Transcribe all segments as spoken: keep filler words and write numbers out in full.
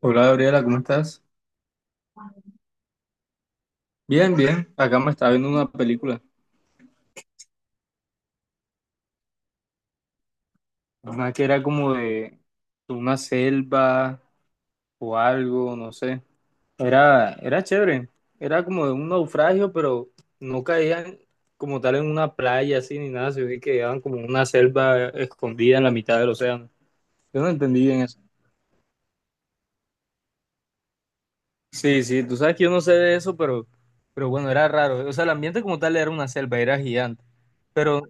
Hola Gabriela, ¿cómo estás? Bien, bien. Acá me estaba viendo una película. Una que era como de una selva o algo, no sé. Era, era chévere. Era como de un naufragio, pero no caían como tal en una playa así ni nada, sino que quedaban como en una selva escondida en la mitad del océano. Yo no entendí bien eso. Sí, sí, tú sabes que yo no sé de eso, pero, pero bueno, era raro. O sea, el ambiente como tal era una selva, era gigante. Pero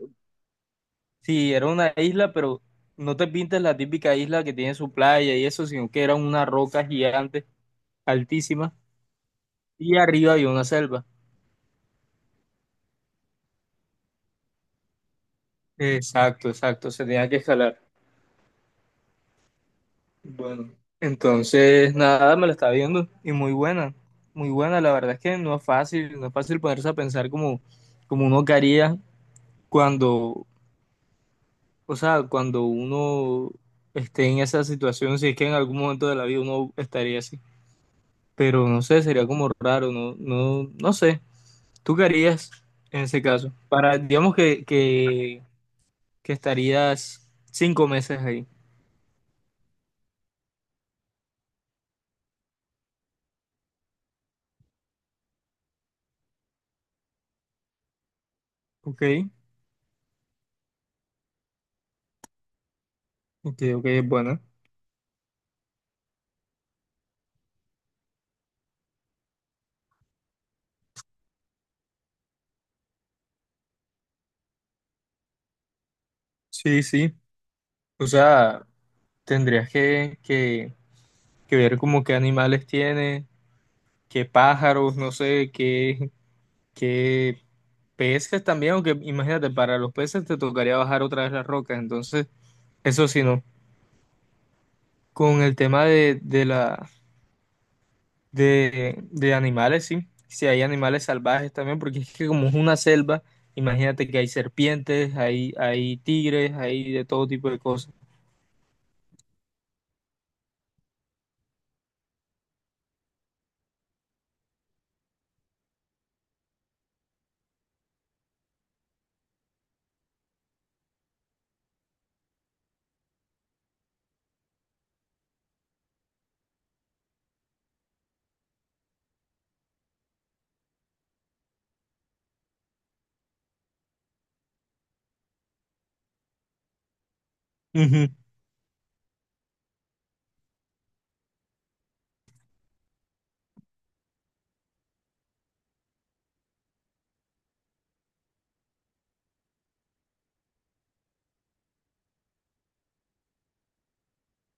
Sí, era una isla, pero no te pintes la típica isla que tiene su playa y eso, sino que era una roca gigante, altísima, y arriba había una selva. Exacto, exacto, se tenía que escalar. Bueno, entonces nada, me la estaba viendo y muy buena, muy buena. La verdad es que no es fácil, no es fácil ponerse a pensar como, como uno que haría cuando, o sea, cuando uno esté en esa situación, si es que en algún momento de la vida uno estaría así. Pero no sé, sería como raro, no, no, no sé. ¿Tú qué harías en ese caso? Para, digamos que, que, que estarías cinco meses ahí. Ok, ok, ok, bueno. Sí, sí. O sea, tendrías que, que, que ver como qué animales tiene, qué pájaros, no sé, qué, qué peces también, aunque imagínate, para los peces te tocaría bajar otra vez las rocas, entonces, eso sí no. Con el tema de, de la De, de animales, sí. Si hay animales salvajes también, porque es que como es una selva, imagínate que hay serpientes, hay, hay tigres, hay de todo tipo de cosas. Ujú.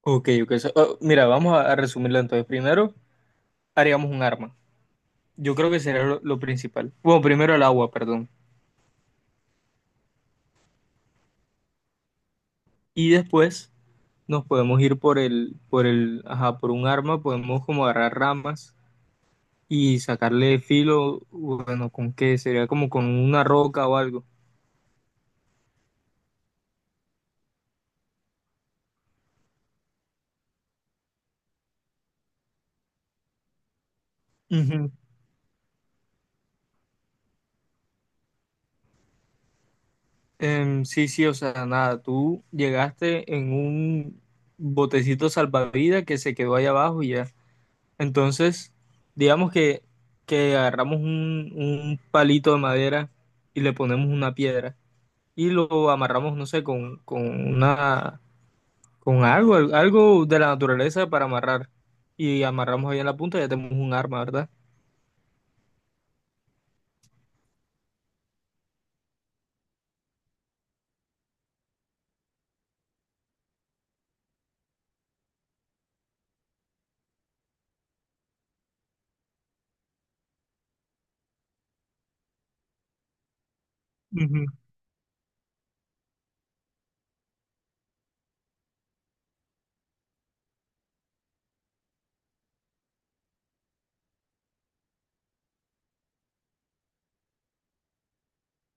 Ok, ok. So- oh, mira, vamos a, a resumirlo entonces. Primero, haríamos un arma. Yo creo que sería lo, lo principal. Bueno, primero el agua, perdón. Y después nos podemos ir por el, por el, ajá, por un arma, podemos como agarrar ramas y sacarle filo, bueno, ¿con qué? Sería como con una roca o algo. Ujú. Em, sí, sí, o sea, nada, tú llegaste en un botecito salvavidas que se quedó ahí abajo y ya. Entonces, digamos que, que agarramos un, un palito de madera y le ponemos una piedra y lo amarramos, no sé, con, con una, con algo, al- algo de la naturaleza para amarrar. Y amarramos ahí en la punta y ya tenemos un arma, ¿verdad? Ujú.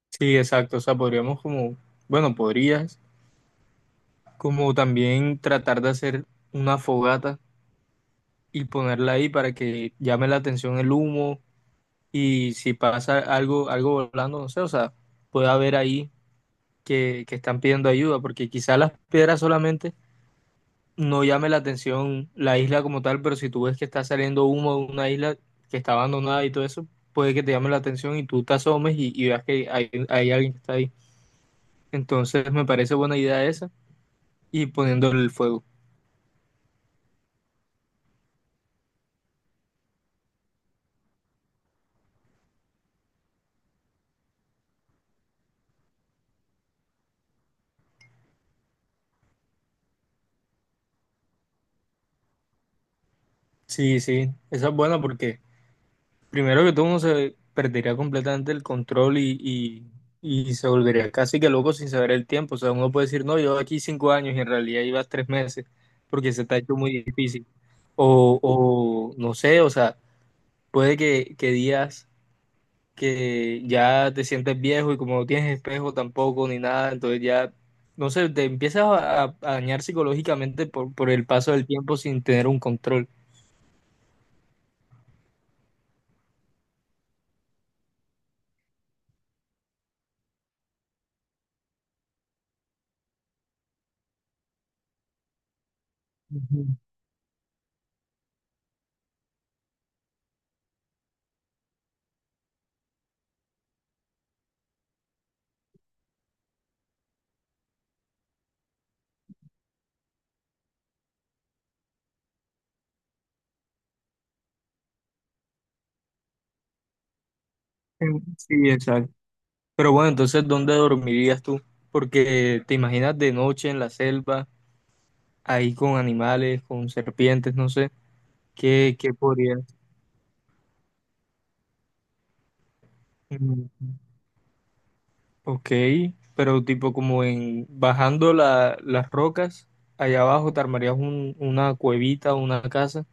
Sí, exacto. O sea, podríamos como, bueno, podrías como también tratar de hacer una fogata y ponerla ahí para que llame la atención el humo y si pasa algo, algo volando, no sé, o sea, puede haber ahí que, que están pidiendo ayuda, porque quizás las piedras solamente no llame la atención la isla como tal, pero si tú ves que está saliendo humo de una isla que está abandonada y todo eso, puede que te llame la atención y tú te asomes y, y veas que hay, hay alguien que está ahí. Entonces me parece buena idea esa y poniendo el fuego. Sí, sí, esa es buena porque primero que todo, uno se perdería completamente el control y, y, y se volvería casi que loco sin saber el tiempo. O sea, uno puede decir, no, yo aquí cinco años y en realidad ibas tres meses porque se te ha hecho muy difícil. O, o no sé, o sea, puede que, que días que ya te sientes viejo y como no tienes espejo tampoco ni nada, entonces ya, no sé, te empiezas a, a dañar psicológicamente por, por el paso del tiempo sin tener un control. Ujú. Sí, exacto. Pero bueno, entonces, ¿dónde dormirías tú? Porque te imaginas de noche en la selva, ahí con animales, con serpientes, no sé, ¿qué, qué podrías? Mm, ok, pero tipo como en bajando la- las rocas, allá abajo te armarías un- una cuevita, una casa.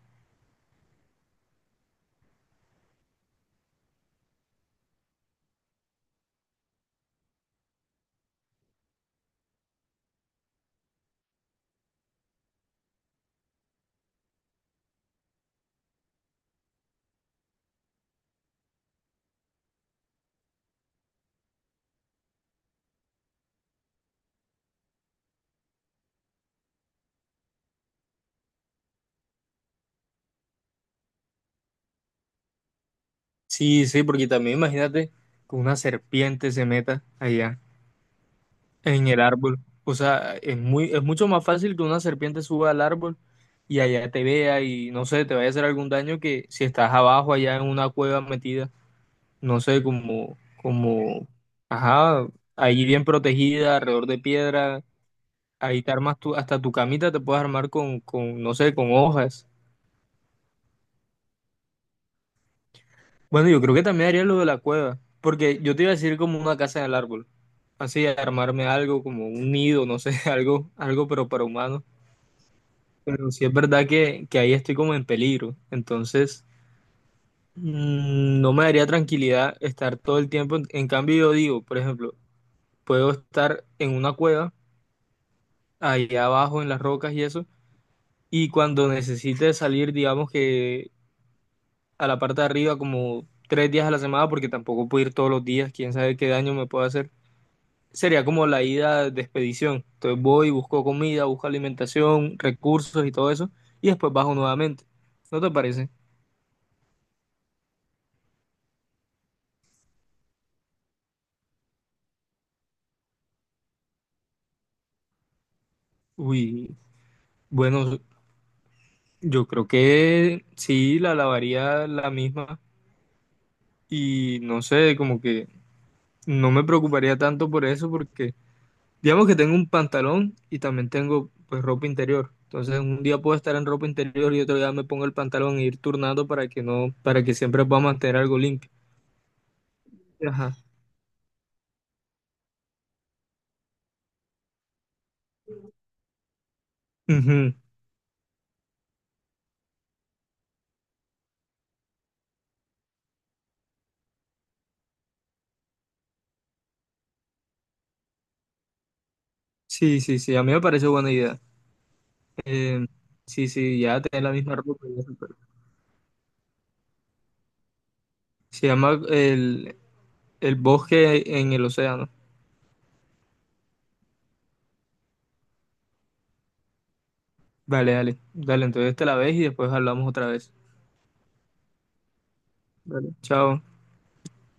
Sí, sí, porque también imagínate que una serpiente se meta allá en el árbol. O sea, es muy, es mucho más fácil que una serpiente suba al árbol y allá te vea y no sé, te vaya a hacer algún daño que si estás abajo allá en una cueva metida, no sé, como, como, ajá, ahí bien protegida, alrededor de piedra, ahí te armas tú, hasta tu camita te puedes armar con, con, no sé, con hojas. Bueno, yo creo que también haría lo de la cueva, porque yo te iba a decir como una casa en el árbol, así armarme algo, como un nido, no sé, algo, algo pero para humanos. Pero sí es verdad que, que ahí estoy como en peligro, entonces... Mm, No me daría tranquilidad estar todo el tiempo. En en cambio, yo digo, por ejemplo, puedo estar en una cueva, allá abajo en las rocas y eso, y cuando necesite salir, digamos que a la parte de arriba, como tres días a la semana, porque tampoco puedo ir todos los días, quién sabe qué daño me puedo hacer. Sería como la ida de expedición. Entonces voy, busco comida, busco alimentación, recursos y todo eso, y después bajo nuevamente. ¿No te parece? Uy, bueno, yo creo que sí, la lavaría la misma y no sé, como que no me preocuparía tanto por eso porque digamos que tengo un pantalón y también tengo pues ropa interior. Entonces un día puedo estar en ropa interior y otro día me pongo el pantalón e ir turnando para que no, para que siempre pueda mantener algo limpio. Ajá. Ujú. Sí, sí, sí, a mí me parece buena idea. Eh, sí, sí, ya tener la misma ropa. Ya es. Se llama el, el bosque en el océano. Dale, dale, dale, entonces te la ves y después hablamos otra vez. Dale, chao.